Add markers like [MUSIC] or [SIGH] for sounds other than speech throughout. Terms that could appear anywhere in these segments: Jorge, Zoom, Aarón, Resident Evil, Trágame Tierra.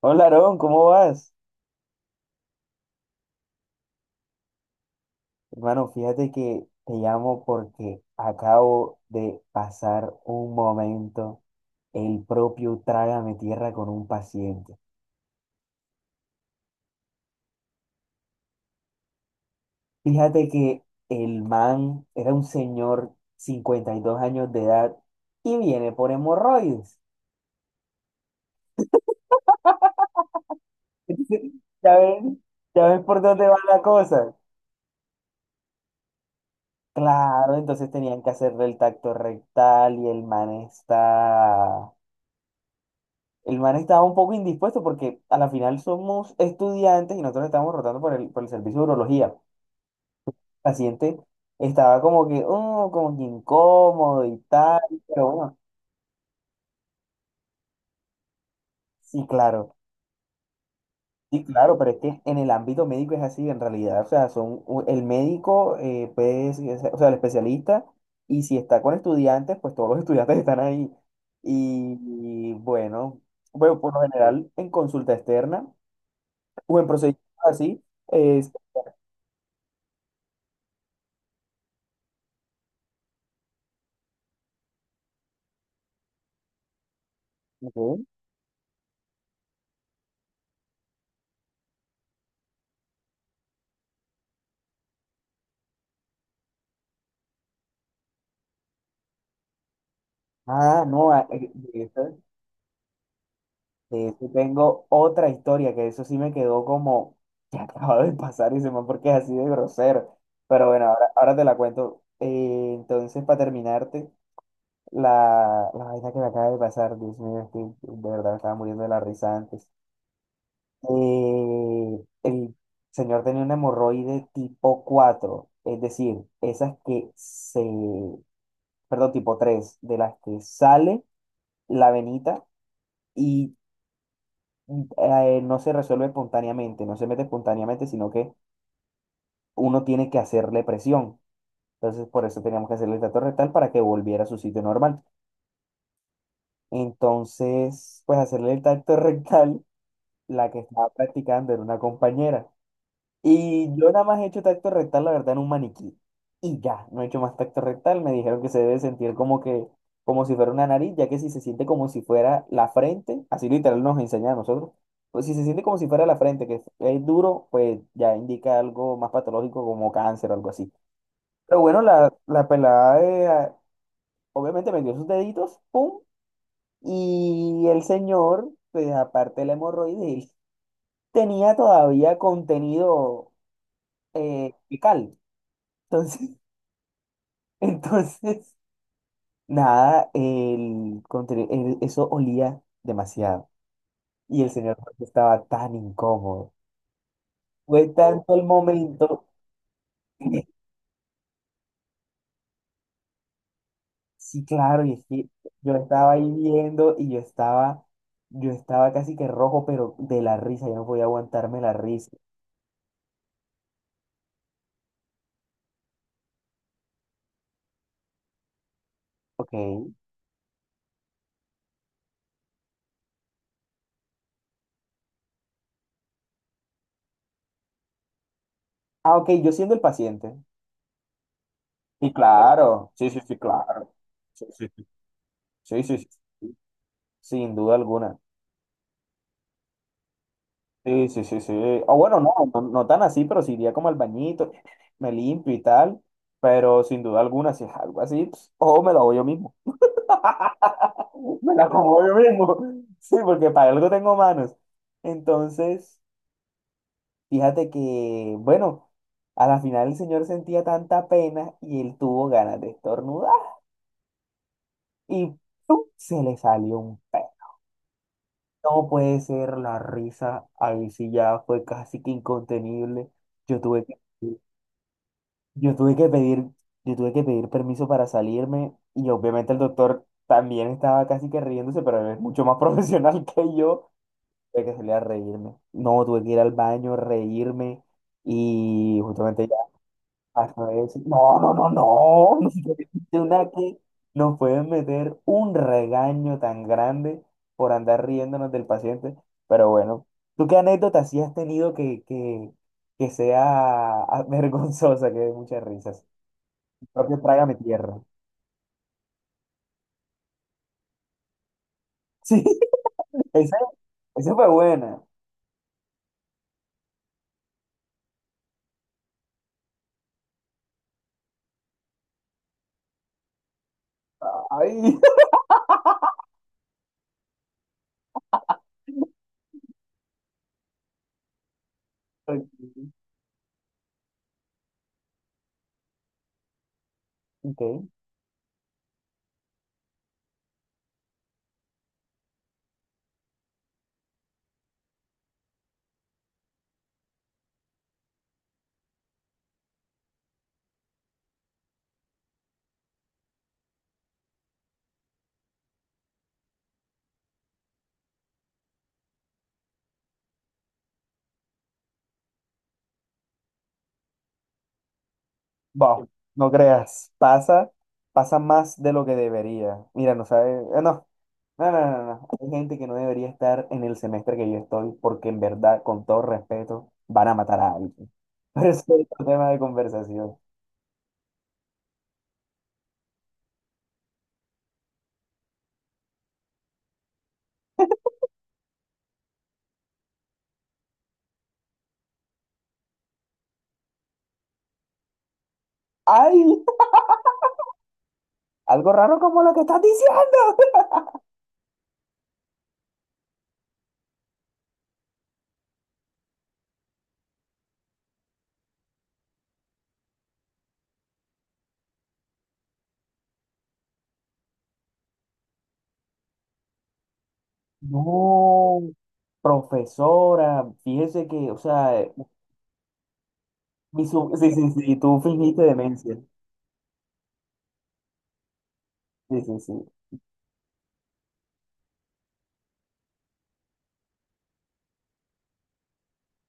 Hola, Aarón, ¿cómo vas? Hermano, fíjate que te llamo porque acabo de pasar un momento, el propio Trágame Tierra con un paciente. Fíjate que el man era un señor, 52 años de edad, y viene por hemorroides. [LAUGHS] Entonces, ¿ya ves? ¿Ya ves por dónde va la cosa? Claro, entonces tenían que hacerle el tacto rectal El man estaba un poco indispuesto porque a la final somos estudiantes y nosotros estábamos rotando por el servicio de urología. El paciente estaba como que, "Oh", como que incómodo y tal, pero bueno, sí, claro, sí, claro, pero es que en el ámbito médico es así en realidad, o sea, el médico, pues, o sea, el especialista, y si está con estudiantes, pues todos los [LAUGHS] estudiantes están ahí. Y, y bueno, bueno, por lo general en consulta externa o en procedimientos así, es... Ah, no, de eso tengo otra historia, que eso sí me quedó como que [LAUGHS] acaba de pasar y se me porque es así de grosero. Pero bueno, ahora te la cuento. Entonces, para terminarte, la vaina que me acaba de pasar, Dios mío, es que de verdad me estaba muriendo de la risa antes. El señor tenía un hemorroide tipo 4, es decir, esas que se, perdón, tipo 3, de las que sale la venita. Y no se resuelve espontáneamente, no se mete espontáneamente, sino que uno tiene que hacerle presión. Entonces, por eso teníamos que hacerle el tacto rectal para que volviera a su sitio normal. Entonces, pues hacerle el tacto [LAUGHS] rectal, la que estaba practicando era una compañera. Y yo nada más he hecho tacto rectal, la verdad, en un maniquí. Y ya, no he hecho más tacto rectal. Me dijeron que se debe sentir como que, como si fuera una nariz, ya que si se siente como si fuera la frente, así literal nos enseña a nosotros, pues si se siente como si fuera la frente, que es duro, pues ya indica algo más patológico como cáncer o algo así. Pero bueno, la pelada, obviamente metió sus deditos, pum, y el señor, pues aparte de la hemorroide, él tenía todavía contenido fecal. Entonces, [LAUGHS] entonces, nada, eso olía demasiado. Y el señor Jorge estaba tan incómodo. Fue tanto el momento. [LAUGHS] Sí, claro, y es que yo estaba ahí viendo y yo estaba casi que rojo, pero de la risa, yo no podía aguantarme la risa. Ok. Ah, ok, yo siendo el paciente. Sí, claro. Sí, sí, sí, claro. Sí, sí, sí. Sí, sí, sí. Sin duda alguna. Sí, sí, sí, sí. O bueno, no, no, no tan así, pero sí iría como al bañito, [LAUGHS] me limpio y tal. Pero sin duda alguna, si es algo así, pues, ojo, me lo hago yo mismo. [LAUGHS] Me la como yo mismo. [LAUGHS] Sí, porque para algo tengo manos. Entonces, fíjate que, bueno, a la final el señor sentía tanta pena y él tuvo ganas de estornudar. Y ¡pum!, se le salió un pez. No puede ser la risa. Ahí sí ya fue casi que incontenible. Yo tuve que... Yo tuve que pedir, yo tuve que pedir permiso para salirme y obviamente el doctor también estaba casi que riéndose, pero él es mucho más [LAUGHS] profesional que yo, tuve que salir a reírme. No, tuve que ir al baño, reírme y justamente ya pasó eso. No, no, no, no, [LAUGHS] no puede ser una que nos pueden meter un regaño tan grande por andar riéndonos del paciente, pero bueno, ¿tú qué anécdota sí has tenido que sea [LAUGHS] ah, vergonzosa, que dé mucha risa? Propio Trágame Tierra. Sí, [LAUGHS] ese, ese fue buena. Ay, [LAUGHS] ok. Va, no creas. Pasa más de lo que debería. Mira, no sabe. No, no, no, no, no. Hay gente que no debería estar en el semestre que yo estoy porque en verdad, con todo respeto, van a matar a alguien. [LAUGHS] Pero ese es otro tema de conversación. ¡Ay! Algo raro como lo que estás diciendo. No, profesora, fíjese que, o sea, sí, sí, sí, tú fingiste demencia. Sí, sí, sí.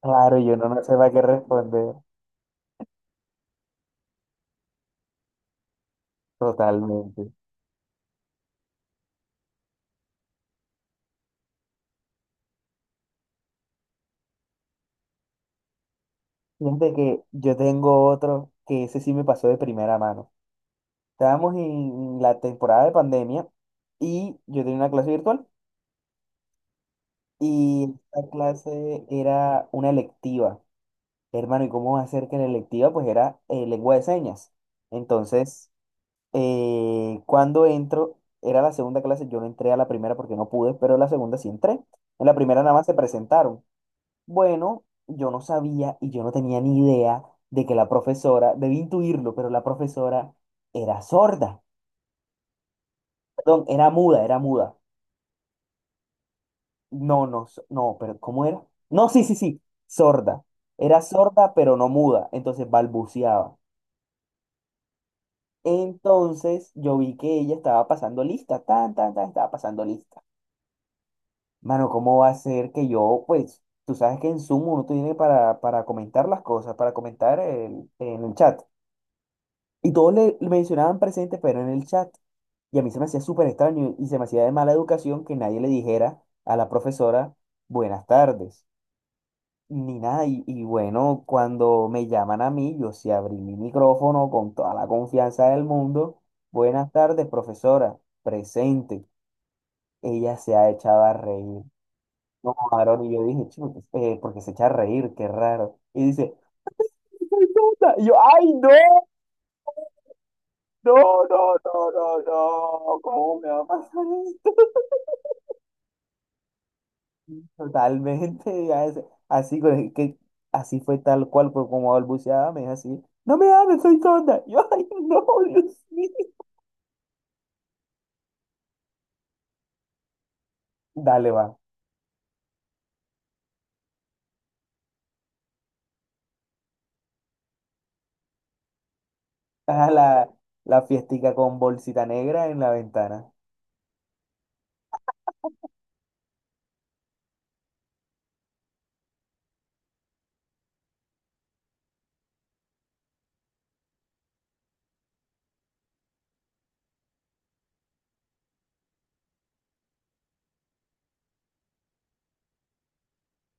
Claro, yo no, no a qué responder. Totalmente. Fíjate que yo tengo otro que ese sí me pasó de primera mano. Estábamos en la temporada de pandemia y yo tenía una clase virtual y esta clase era una electiva. Hermano, ¿y cómo va a ser que en la electiva? Pues era lengua de señas. Entonces, cuando entro, era la segunda clase, yo no entré a la primera porque no pude, pero en la segunda sí entré. En la primera nada más se presentaron. Bueno, yo no sabía y yo no tenía ni idea de que la profesora, debí intuirlo, pero la profesora era sorda. Perdón, era muda. No, no, no, pero ¿cómo era? No, sí, sí, sí, sorda. Era sorda, pero no muda, entonces balbuceaba. Entonces yo vi que ella estaba pasando lista, tan, tan, tan, estaba pasando lista. Mano, ¿cómo va a ser que yo, pues, tú sabes que en Zoom uno tiene para comentar las cosas, para comentar en el chat? Y todos le mencionaban presente, pero en el chat. Y a mí se me hacía súper extraño y se me hacía de mala educación que nadie le dijera a la profesora buenas tardes, ni nada. Y bueno, cuando me llaman a mí, yo sí abrí mi micrófono con toda la confianza del mundo. Buenas tardes, profesora, presente. Ella se ha echado a reír. No, varón, y yo dije, "Chu, porque se echa a reír, qué raro". Y dice, "Ay, puta". Y yo, ay, no, no, no, no, no, no, ¿cómo me va a pasar esto? [LAUGHS] Totalmente, así, así fue tal cual, por como balbuceaba, me dijo así, no me hables, soy tonta. [LAUGHS] Yo, ay, no, Dios mío. Dale, va, a la, la fiestica con bolsita negra en la ventana.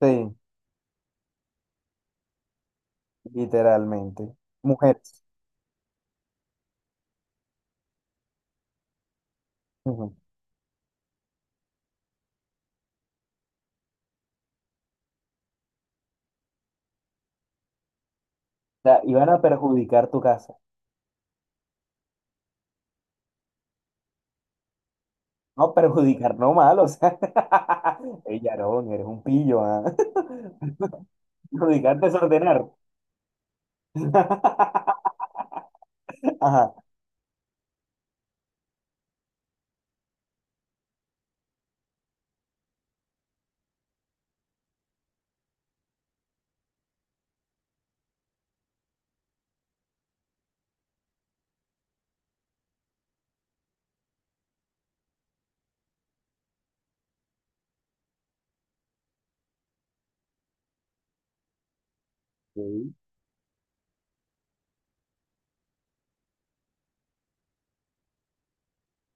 Sí, literalmente. Mujeres. Ujú. O sea, iban a perjudicar tu casa. No, perjudicar no mal, o sea. [LAUGHS] Ey, Yarón, eres un pillo, ah. [LAUGHS] Perjudicar, desordenar. [LAUGHS] Ajá. Sí,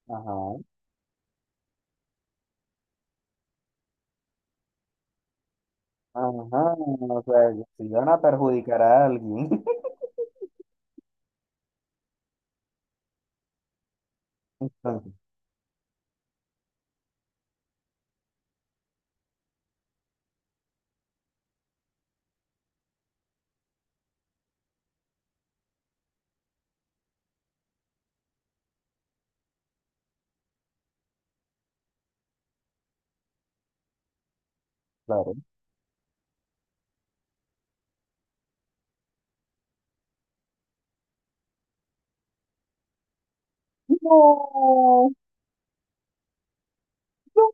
ajá. Ajá. O sea, que si van a perjudicar a alguien. [LAUGHS] Entonces, claro. No, no,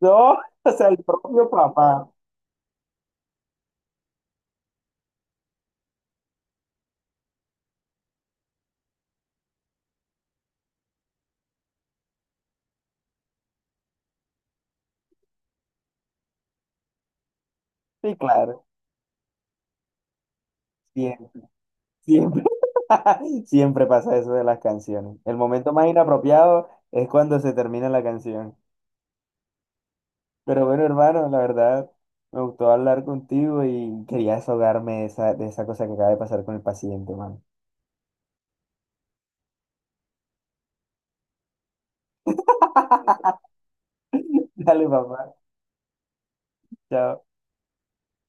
no. [LAUGHS] O sea, el propio papá. Sí, claro. Siempre, siempre. [LAUGHS] Siempre pasa eso de las canciones. El momento más inapropiado es cuando se termina la canción. Pero bueno, hermano, la verdad, me gustó hablar contigo y quería desahogarme de esa, cosa que acaba de pasar con el paciente, hermano. [LAUGHS] Dale, papá. Chao.